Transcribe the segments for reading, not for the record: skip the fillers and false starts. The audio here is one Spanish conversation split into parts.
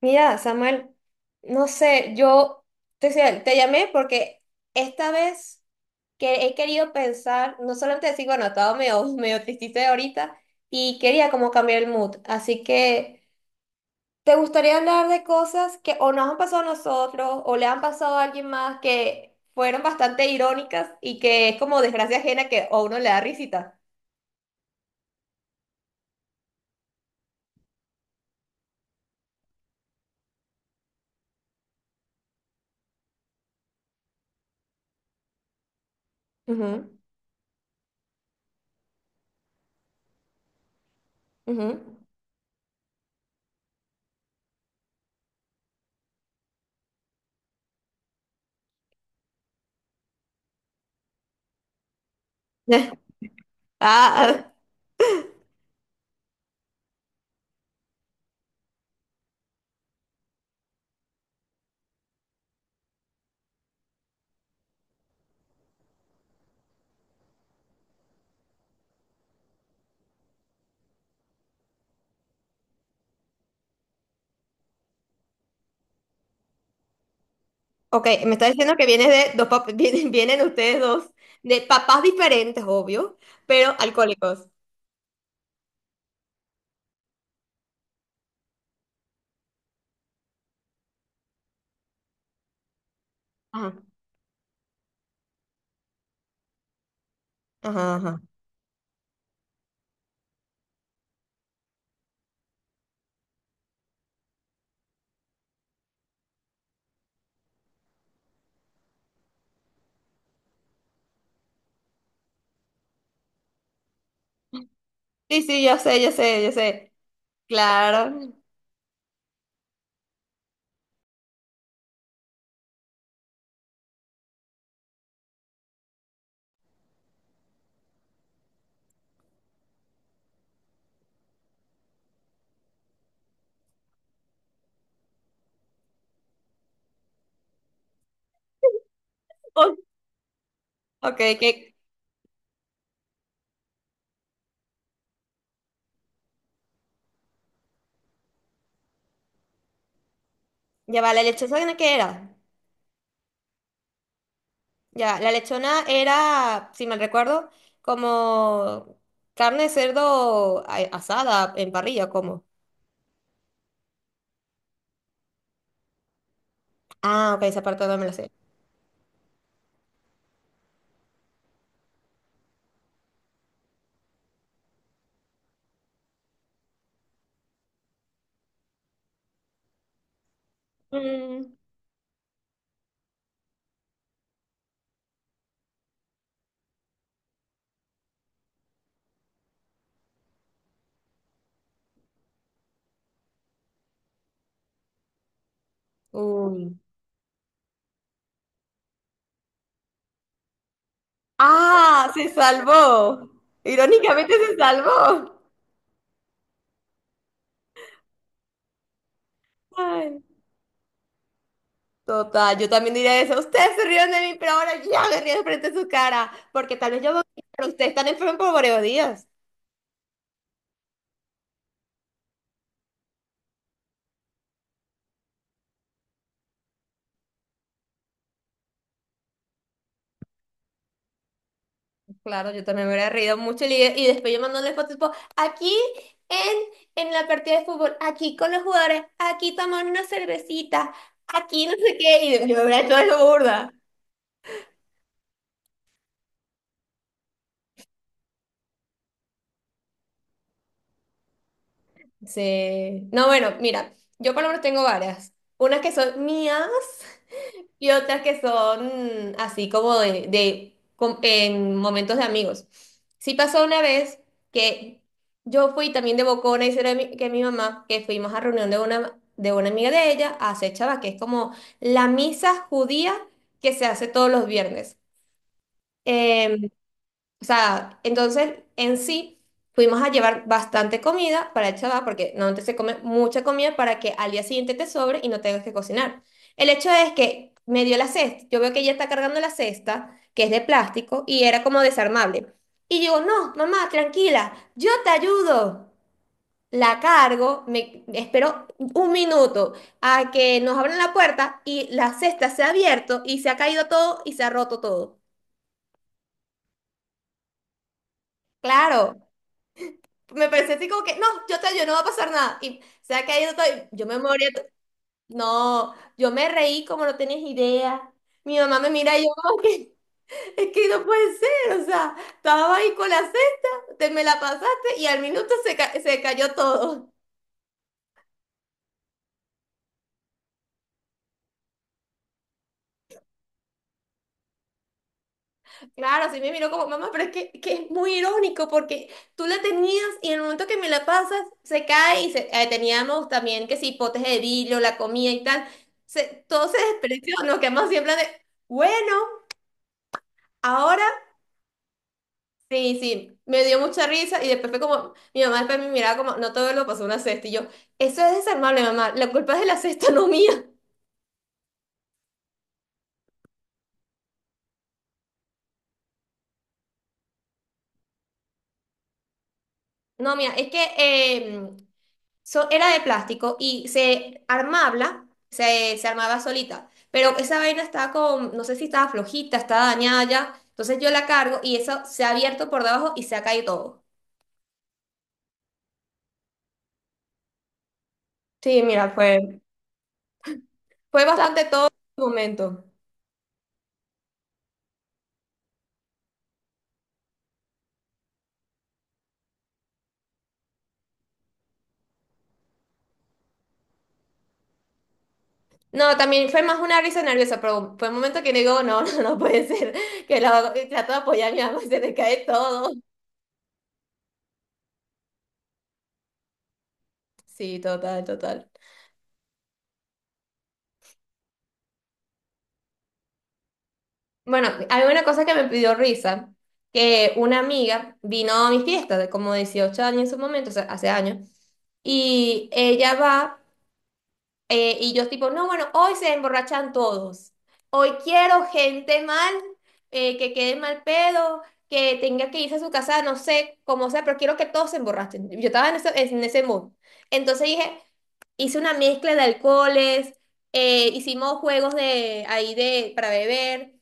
Mira, Samuel, no sé, te llamé porque esta vez que he querido pensar, no solamente decir, bueno, estaba medio, medio tristita ahorita y quería como cambiar el mood. Así que, ¿te gustaría hablar de cosas que o nos han pasado a nosotros o le han pasado a alguien más que fueron bastante irónicas y que es como desgracia ajena que a uno le da risita? Ujú, ujú. Ah. Ok, me está diciendo que vienes de dos pap- vienen ustedes dos de papás diferentes, obvio, pero alcohólicos. Ajá, ajá, ajá. Sí, sí, yo sé, yo sé, yo sé. Claro. Oh, ok, que ya va, ¿la lechona qué era? Ya, la lechona era, si mal recuerdo, como carne de cerdo asada en parrilla, como. Ah, ok, esa parte no me la sé. Mm, uy. Ah, se salvó. Irónicamente se salvó. Ay, total, yo también diría eso. Ustedes se rieron de mí, pero ahora yo me río frente a su cara, porque tal vez yo, pero ustedes están enfermos por varios días. Claro, yo también me hubiera reído mucho y después yo mandándole fotos tipo, aquí en la partida de fútbol, aquí con los jugadores, aquí tomando una cervecita, aquí no sé qué, y yo me hubiera hecho eso burda. Sí. No, bueno, mira, yo por lo menos tengo varias. Unas que son mías y otras que son así como en momentos de amigos. Sí, pasó una vez que yo fui también de bocona y será que mi mamá, que fuimos a reunión de una amiga de ella a hacer chava, que es como la misa judía que se hace todos los viernes. Em, o sea, entonces en sí fuimos a llevar bastante comida para el chaval, porque normalmente se come mucha comida para que al día siguiente te sobre y no tengas que cocinar. El hecho es que me dio la cesta, yo veo que ella está cargando la cesta, que es de plástico, y era como desarmable. Y digo, no, mamá, tranquila, yo te ayudo. La cargo, me espero un minuto a que nos abran la puerta y la cesta se ha abierto y se ha caído todo y se ha roto todo. Claro. Me parece así como que, no, yo te ayudo, no va a pasar nada. Y, o sea, que ahí yo estoy, yo me moría, no, yo me reí como no tenías idea. Mi mamá me mira y yo como que, es que no puede ser, o sea, estaba ahí con la cesta, te me la pasaste y al minuto se cayó todo. Claro, así me miró como, mamá, pero es que es muy irónico porque tú la tenías y en el momento que me la pasas, se cae y teníamos también que si potes de vidrio, la comida y tal, todo se despreció, nos quedamos siempre de, bueno. Ahora, sí, sí, me dio mucha risa y después fue como, mi mamá después me miraba como, no todo lo pasó una cesta y yo, eso es desarmable, mamá, la culpa es de la cesta, no mía. No, mía, es que era de plástico y se armaba solita, pero esa vaina estaba como, no sé si estaba flojita, estaba dañada ya, entonces yo la cargo y eso se ha abierto por debajo y se ha caído todo. Sí, mira, fue bastante todo el momento. No, también fue más una risa nerviosa, pero fue un momento que digo, no, no, no puede ser, que trato de apoyar a mi mamá y se le cae todo. Sí, total, total. Bueno, hay una cosa que me pidió risa, que una amiga vino a mi fiesta de como 18 años en su momento, o sea, hace años, y ella va. Y yo tipo, no, bueno, hoy se emborrachan todos. Hoy quiero gente mal, que quede mal pedo, que tenga que irse a su casa, no sé cómo sea, pero quiero que todos se emborrachen. Yo estaba en ese mood. Entonces dije, hice una mezcla de alcoholes, hicimos juegos de ahí para beber,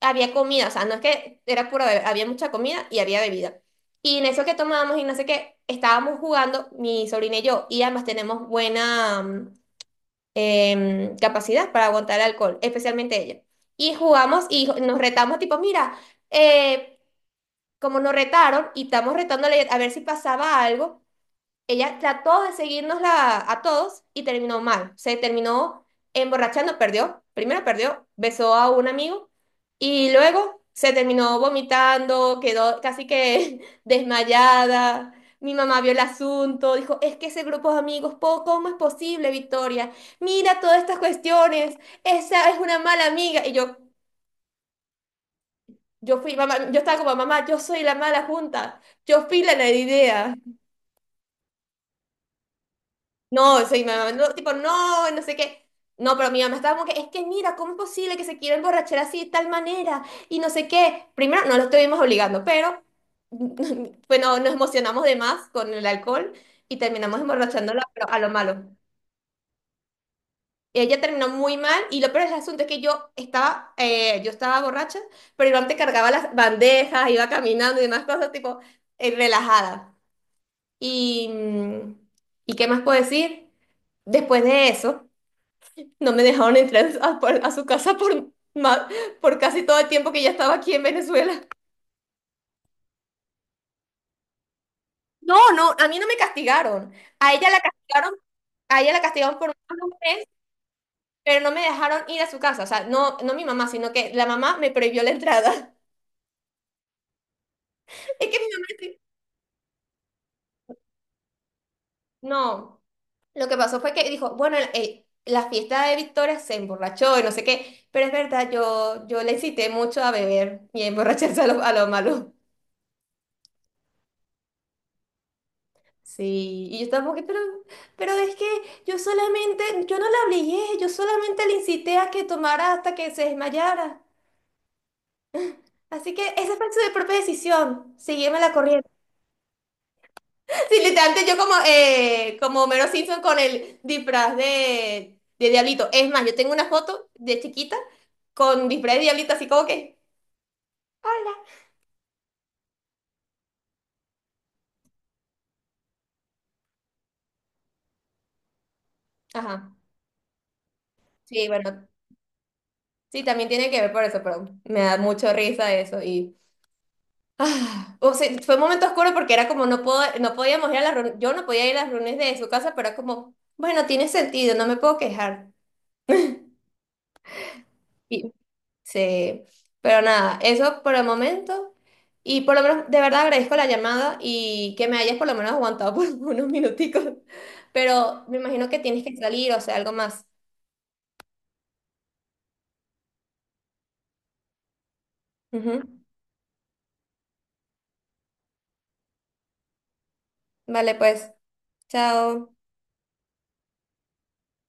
había comida, o sea, no es que era pura bebida, había mucha comida y había bebida. Y en eso que tomábamos y no sé qué, estábamos jugando mi sobrina y yo, y además tenemos buena capacidad para aguantar el alcohol, especialmente ella. Y jugamos y nos retamos tipo, mira, eh, como nos retaron y estamos retándole a ver si pasaba algo, ella trató de seguirnos a todos y terminó mal. Se terminó emborrachando, perdió. Primero perdió, besó a un amigo y luego se terminó vomitando, quedó casi que desmayada. Mi mamá vio el asunto, dijo, es que ese grupo de amigos, ¿cómo es posible, Victoria? Mira todas estas cuestiones, esa es una mala amiga. Y yo fui, mamá, yo estaba como mamá, yo soy la mala junta, yo fui la idea. No, soy mi mamá, no, tipo, no, no sé qué. No, pero mi mamá estaba como que, es que mira, ¿cómo es posible que se quiera emborrachar así de tal manera? Y no sé qué. Primero, no lo estuvimos obligando, pero bueno, nos emocionamos de más con el alcohol y terminamos emborrachándola pero a lo malo. Ella terminó muy mal y lo peor del asunto es que yo estaba borracha, pero Iván te cargaba las bandejas, iba caminando y demás cosas, tipo, relajada. Y, ¿y qué más puedo decir? Después de eso. No me dejaron entrar a su casa por casi todo el tiempo que ya estaba aquí en Venezuela. No, no, a mí no me castigaron. A ella la castigaron, por más de un mes, pero no me dejaron ir a su casa. O sea, no, no mi mamá, sino que la mamá me prohibió la entrada. Es que mi mamá no, lo que pasó fue que dijo, bueno, la fiesta de Victoria se emborrachó y no sé qué, pero es verdad, yo le incité mucho a beber y a emborracharse a lo malo. Sí, y yo estaba que pero es que yo no la obligué, yo solamente le incité a que tomara hasta que se desmayara. Así que esa fue su propia decisión, sígueme la corriente. Sí, literalmente como Homero Simpson con el disfraz de Diablito. Es más, yo tengo una foto de chiquita con disfraz de Diablito, así como que, hola. Ajá, sí, bueno, sí, también tiene que ver por eso, pero me da mucho risa eso y... Ah, o sea, fue un momento oscuro porque era como no puedo, no podíamos ir a las reuniones, yo no podía ir a las reuniones de su casa, pero era como, bueno, tiene sentido, no me puedo quejar. Y, sí, pero nada, eso por el momento. Y por lo menos, de verdad agradezco la llamada y que me hayas por lo menos aguantado por unos minuticos. Pero me imagino que tienes que salir, o sea, algo más. Ujú. Vale, pues, chao.